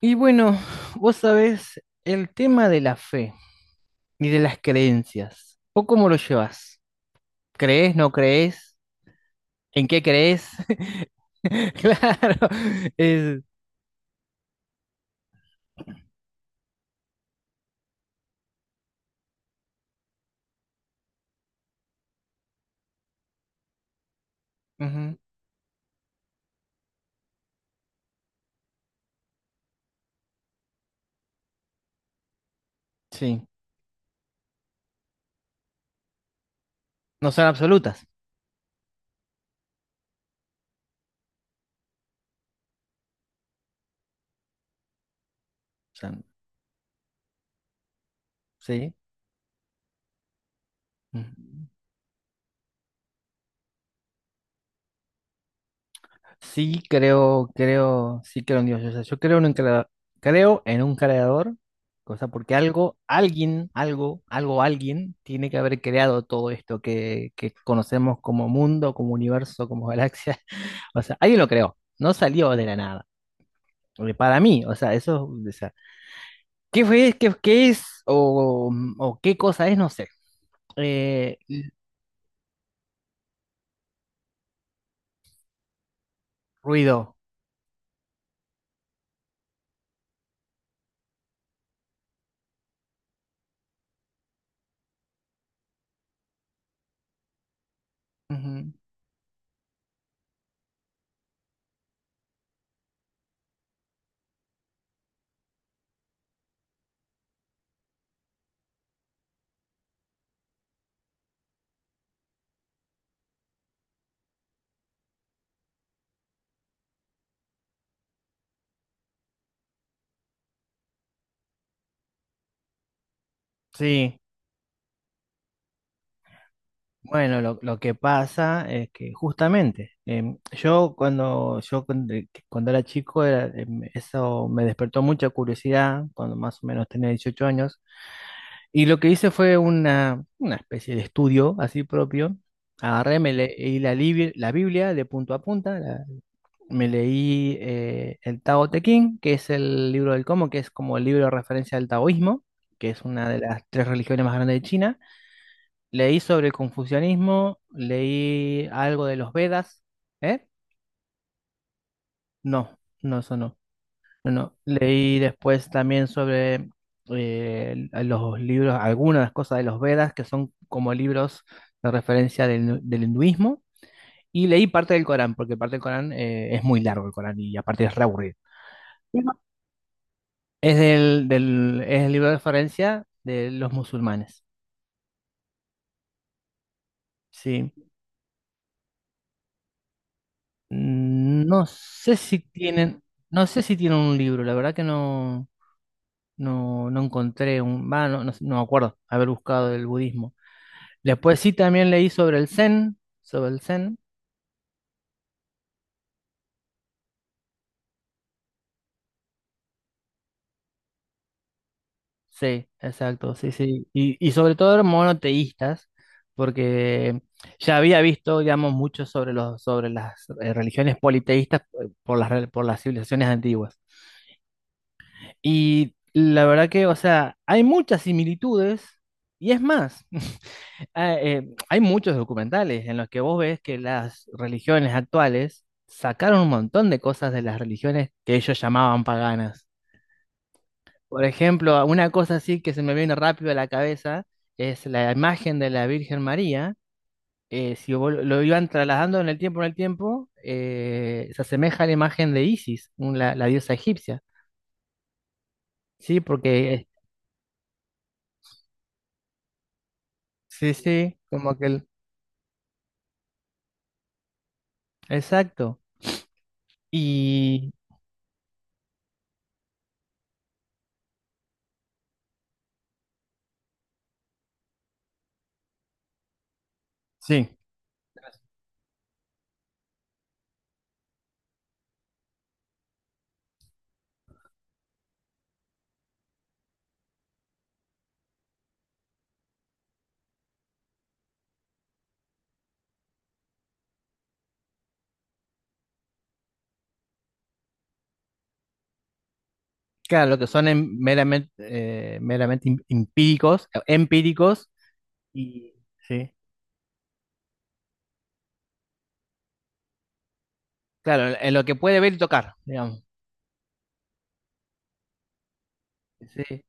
Y bueno, vos sabés el tema de la fe y de las creencias. ¿Vos cómo lo llevas? ¿Crees, no crees? ¿En qué crees? Claro, es, ujú, sí, no son absolutas. O sea, sí. Ujú. Sí, creo, creo, sí creo en Dios. O sea, yo creo en un creador, creo en un creador, cosa porque algo, alguien, algo, algo, alguien tiene que haber creado todo esto que conocemos como mundo, como universo, como galaxia. O sea, alguien lo creó, no salió de la nada. Porque para mí, o sea, eso, o sea, ¿qué fue, qué, qué es o qué cosa es? No sé. Eh, ruido. Ujú. Sí. Bueno, lo que pasa es que justamente cuando era chico era, eso me despertó mucha curiosidad cuando más o menos tenía 18 años y lo que hice fue una especie de estudio así propio. Agarré, me leí la, la Biblia de punto a punta, me leí el Tao Te Ching, que es el libro del cómo, que es como el libro de referencia al taoísmo, que es una de las tres religiones más grandes de China. Leí sobre el confucianismo, leí algo de los Vedas. ¿Eh? No, no, eso no. No, no. Leí después también sobre los libros, algunas cosas de los Vedas, que son como libros de referencia del, del hinduismo. Y leí parte del Corán, porque parte del Corán, es muy largo el Corán y aparte es re aburrido. Es del, es el libro de referencia de los musulmanes. Sí. No sé si tienen, no sé si tienen un libro, la verdad que no, no, no encontré un, va, no, no, no me acuerdo haber buscado el budismo. Después sí también leí sobre el Zen, sobre el Zen. Sí, exacto, sí, sí, y sobre todo eran monoteístas, porque ya había visto, digamos, mucho sobre los, sobre las religiones politeístas, por las, por las civilizaciones antiguas. Y la verdad que, o sea, hay muchas similitudes y es más, hay muchos documentales en los que vos ves que las religiones actuales sacaron un montón de cosas de las religiones que ellos llamaban paganas. Por ejemplo, una cosa así que se me viene rápido a la cabeza es la imagen de la Virgen María. Si vos lo iban trasladando en el tiempo, se asemeja a la imagen de Isis, la, la diosa egipcia. Sí, porque sí, sí, como que exacto. Y sí, claro, lo que son meramente, meramente empíricos, empíricos, y sí, claro, en lo que puede ver y tocar, digamos. Sí,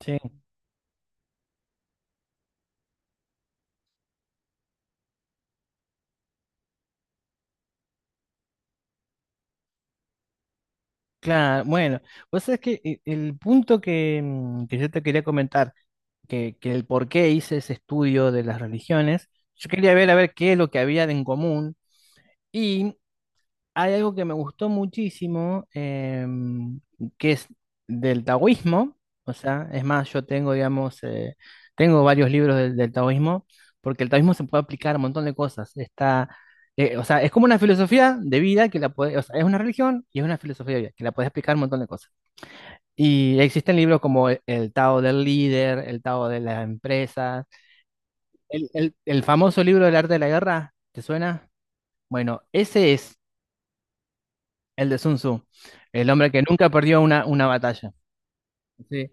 sí, claro. Bueno, vos sabés que el punto que, que yo te quería comentar, que el por qué hice ese estudio de las religiones, yo quería ver a ver qué es lo que había de en común. Hay algo que me gustó muchísimo, que es del taoísmo, o sea, es más, yo tengo, digamos, tengo varios libros del, del taoísmo, porque el taoísmo se puede aplicar a un montón de cosas. Está, o sea, es como una filosofía de vida que la puede, o sea, es una religión y es una filosofía de vida que la puedes aplicar a un montón de cosas. Y existen libros como el Tao del líder, el Tao de las empresas, el, el famoso libro del arte de la guerra, ¿te suena? Bueno, ese es el de Sun Tzu, el hombre que nunca perdió una batalla. Sí.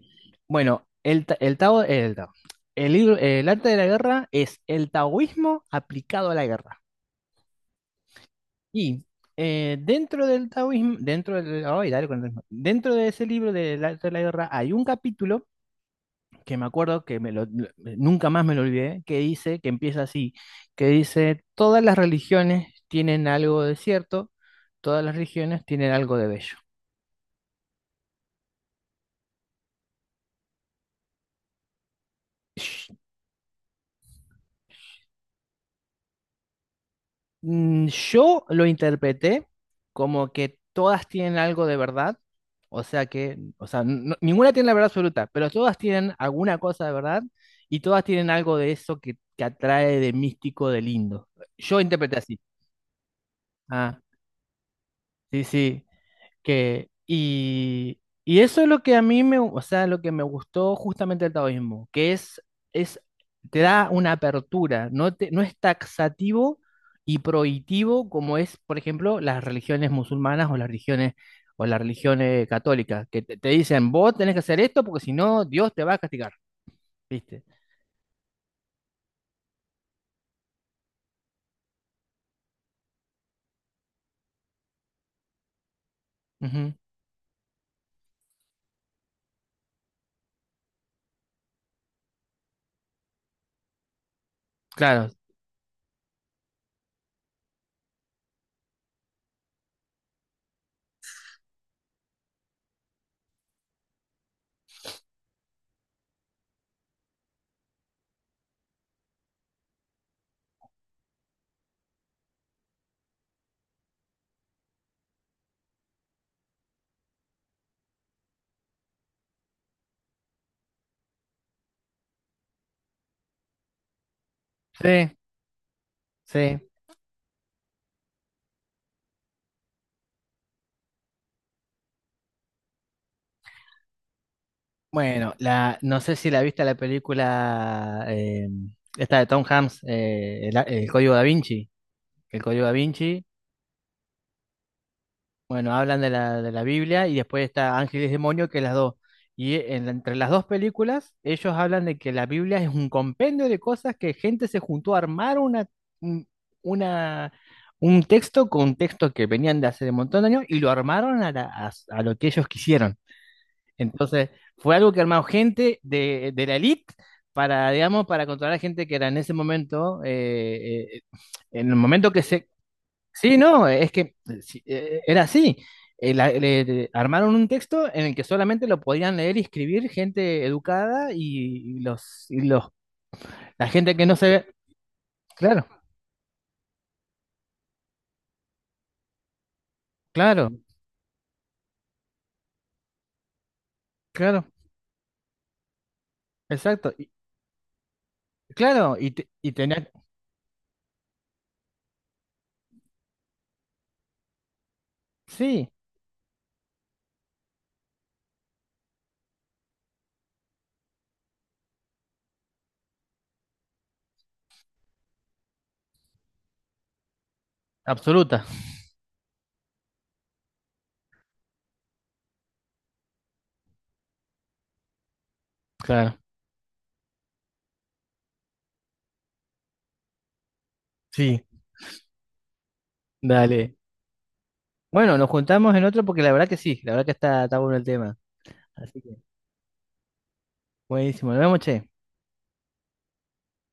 Bueno, el, el Tao, el Tao. El libro, el arte de la guerra es el taoísmo aplicado a la guerra. Y dentro del taoísmo, dentro del, ay, dale con el ritmo. Dentro de ese libro del arte de la guerra hay un capítulo que me acuerdo que nunca más me lo olvidé, que dice, que empieza así, que dice, todas las religiones tienen algo de cierto, todas las religiones tienen algo de bello. Yo lo interpreté como que todas tienen algo de verdad, o sea que, o sea, ninguna tiene la verdad absoluta, pero todas tienen alguna cosa de verdad y todas tienen algo de eso que atrae de místico, de lindo. Yo interpreté así. Ah, sí, sí que, y eso es lo que a mí me, o sea, lo que me gustó justamente del taoísmo, que es, te da una apertura, no es taxativo y prohibitivo como es, por ejemplo, las religiones musulmanas o las religiones católicas, que te dicen, vos tenés que hacer esto porque si no, Dios te va a castigar, ¿viste? Ujú, claro, sí, sí. Bueno, la, no sé si la viste la película, esta de Tom Hanks, el Código Da Vinci. El Código Da Vinci, bueno, hablan de la Biblia y después está Ángeles y Demonio, que es las dos. Y en entre las dos películas, ellos hablan de que la Biblia es un compendio de cosas que gente se juntó a armar una, un- una, un texto con textos que venían de hace un montón de años y lo armaron a, a lo que ellos quisieron. Entonces, fue algo que armó gente de la elite para, digamos, para controlar a gente que era en ese momento, en el momento que se... Sí, no, es que sí, era así. Armaron un texto en el que solamente lo podían leer y escribir gente educada y los, la gente que no se ve. Claro, claro, claro, exacto. Claro, y, y tenía... Sí, absoluta. Claro, sí, dale. Bueno, nos juntamos en otro porque la verdad que sí, la verdad que está, está bueno el tema. Así que, buenísimo. Nos vemos, che.